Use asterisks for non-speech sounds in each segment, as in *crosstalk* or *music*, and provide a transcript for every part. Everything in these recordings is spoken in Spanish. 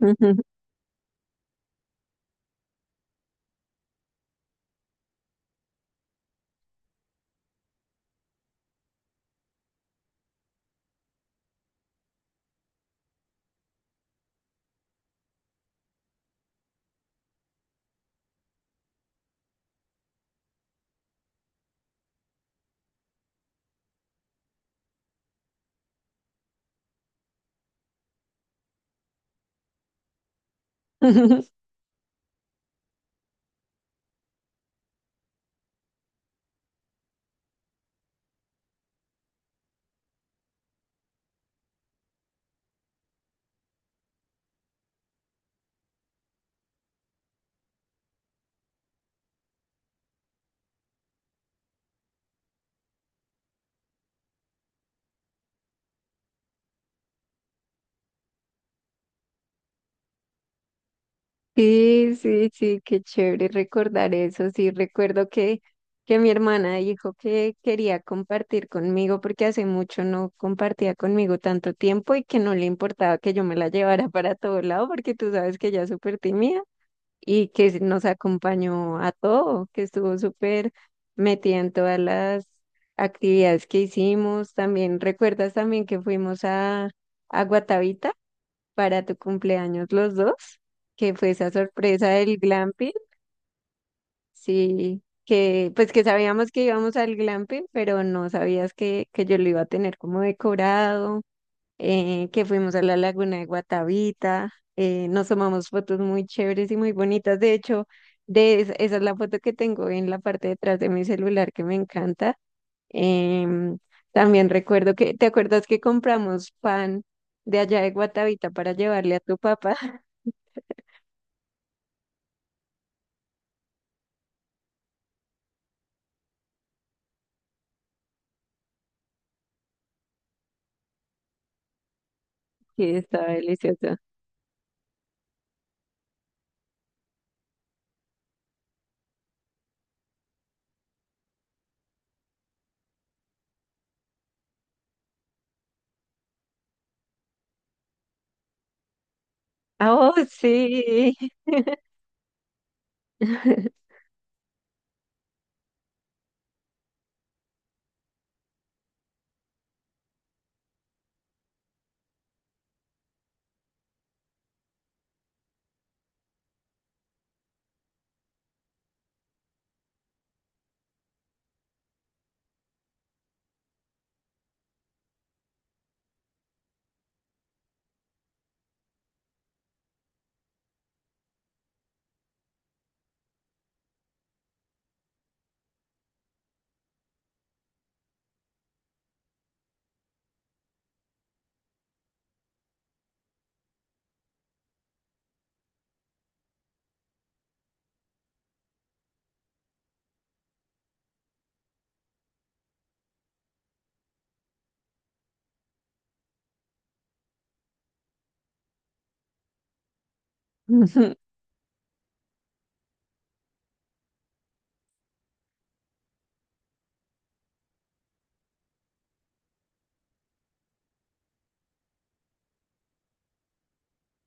Ujú. *laughs* Sí, sí, sí, qué chévere recordar eso. Sí, recuerdo que mi hermana dijo que quería compartir conmigo porque hace mucho no compartía conmigo tanto tiempo y que no le importaba que yo me la llevara *laughs* para todo lado porque tú sabes que ella es súper tímida y que nos acompañó a todo, que estuvo súper metida en todas las actividades que hicimos. También, ¿recuerdas también que fuimos a Guatavita? Para tu cumpleaños los dos, que fue esa sorpresa del glamping, sí, que pues que sabíamos que íbamos al glamping, pero no sabías que yo lo iba a tener como decorado, que fuimos a la laguna de Guatavita, nos tomamos fotos muy chéveres y muy bonitas. De hecho, de esa es la foto que tengo en la parte de atrás de mi celular, que me encanta. Em, También recuerdo que, ¿te acuerdas que compramos pan de allá de Guatavita para llevarle a tu papá? Sí, está deliciosa. Ah, oh, sí. *laughs*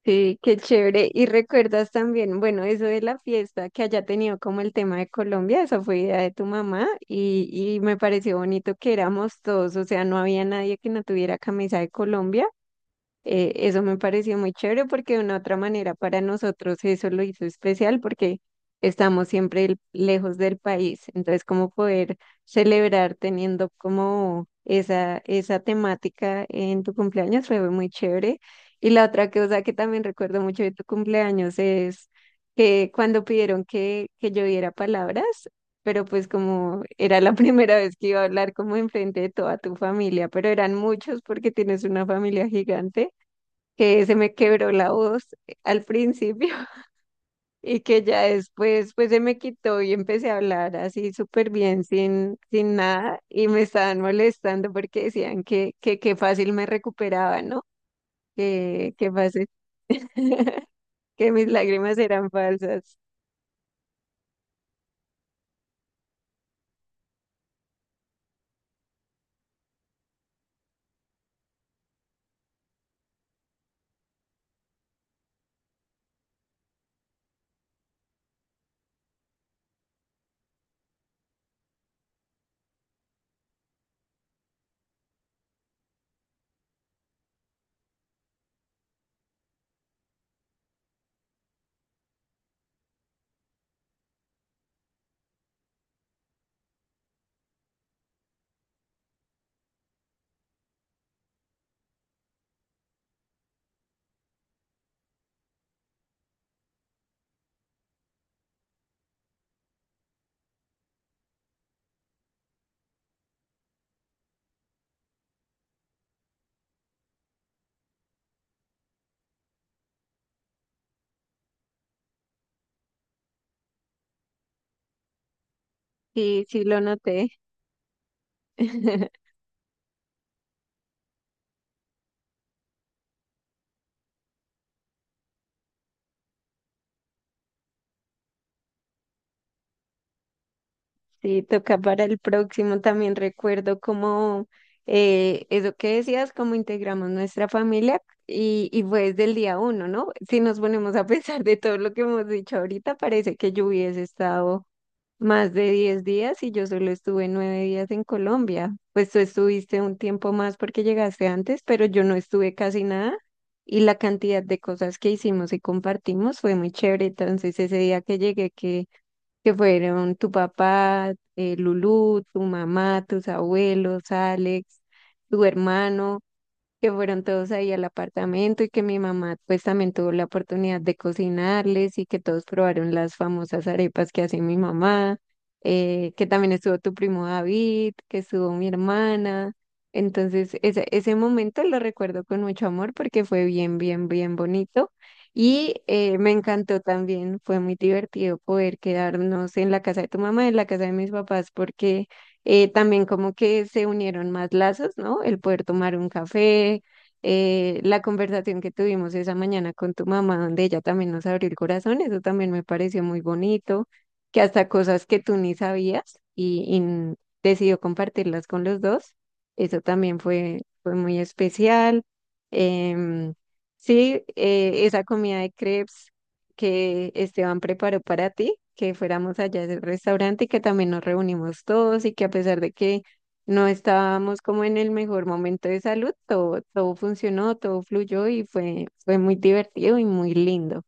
Sí, qué chévere. Y recuerdas también, bueno, eso de la fiesta, que haya tenido como el tema de Colombia, esa fue idea de tu mamá, y me pareció bonito que éramos todos, o sea, no había nadie que no tuviera camisa de Colombia. Eso me pareció muy chévere porque de una otra manera para nosotros eso lo hizo especial porque estamos siempre lejos del país. Entonces, como poder celebrar teniendo como esa temática en tu cumpleaños fue muy chévere. Y la otra cosa que también recuerdo mucho de tu cumpleaños es que cuando pidieron que yo diera palabras, pero pues como era la *laughs* primera vez que iba a hablar como enfrente de toda tu familia, pero eran muchos porque tienes una familia gigante, que se me quebró la voz, al principio, *laughs* y que ya después pues se me quitó y empecé a hablar así súper bien, sin nada, y me estaban molestando porque decían que fácil me recuperaba, ¿no? Que fácil, que mis lágrimas eran falsas. Sí, sí lo noté. *laughs* Sí, toca para el próximo. También recuerdo como, eso que decías, cómo integramos nuestra familia, y fue desde el día uno, ¿no? Si nos ponemos a *laughs* pensar de todo lo que hemos dicho ahorita, parece que yo hubiese estado más de 10 días, y yo solo estuve 9 días en Colombia. Pues tú estuviste un tiempo más porque llegaste antes, pero yo no estuve casi nada, y la cantidad de cosas que hicimos y compartimos fue muy chévere. Entonces ese día que llegué, que fueron tu papá, Lulú, tu mamá, tus abuelos, Alex, tu hermano, que fueron todos ahí al apartamento, y que mi mamá pues también tuvo la oportunidad de cocinarles y que todos probaron las famosas arepas que hace mi mamá, que también estuvo tu primo David, que estuvo mi hermana. Entonces ese momento lo recuerdo con mucho amor porque fue bien, bien, bien bonito, y me encantó también, fue muy divertido poder quedarnos en la casa de tu mamá, en la casa de mis papás porque, también como que se unieron más lazos, ¿no? El poder tomar un café, la conversación que tuvimos esa mañana con tu mamá, donde ella también nos abrió el corazón, eso también me pareció muy bonito, que hasta cosas que tú ni sabías, y decidió compartirlas con los dos, eso también fue, fue muy especial. Em, sí, esa comida de crepes que Esteban preparó para ti, que fuéramos allá al restaurante y que también nos reunimos todos, y que a pesar de que no estábamos como en el mejor momento de salud, todo, todo funcionó, todo fluyó y fue, fue muy divertido y muy lindo.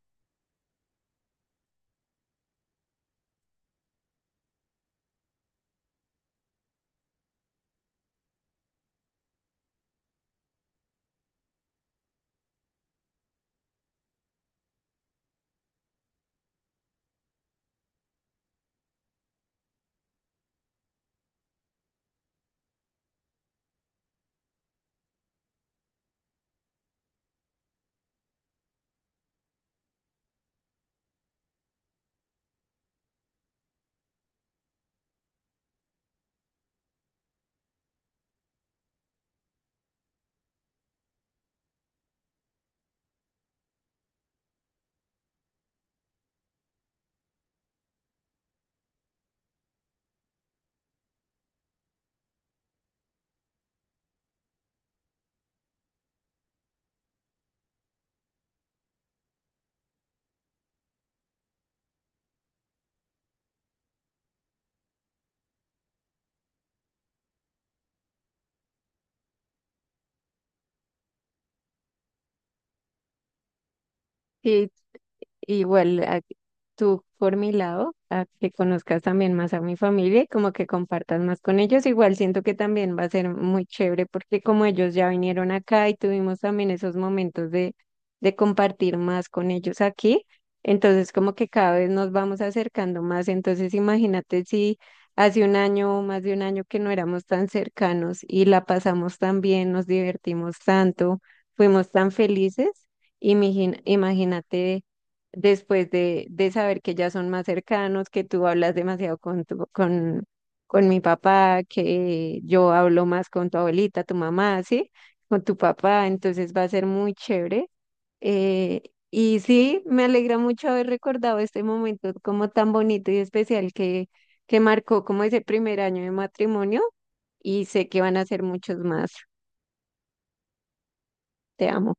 Sí, igual tú por mi lado, a que conozcas también más a mi familia y como que compartas más con ellos, igual siento que también va a ser muy chévere porque como ellos ya vinieron acá y tuvimos también esos momentos de compartir más con ellos aquí, entonces como que cada vez nos vamos acercando más, entonces imagínate si hace un año o más de un año que no éramos tan cercanos y la pasamos tan bien, nos divertimos tanto, fuimos tan felices, imagínate después de saber que ya son más cercanos, que tú hablas demasiado con mi papá, que yo hablo más con tu abuelita, tu mamá, ¿sí? Con tu papá, entonces va a ser muy chévere. Eh, y sí, me alegra mucho haber recordado este momento como tan bonito y especial, que marcó como ese primer año de matrimonio, y sé que van a ser muchos más. Te amo.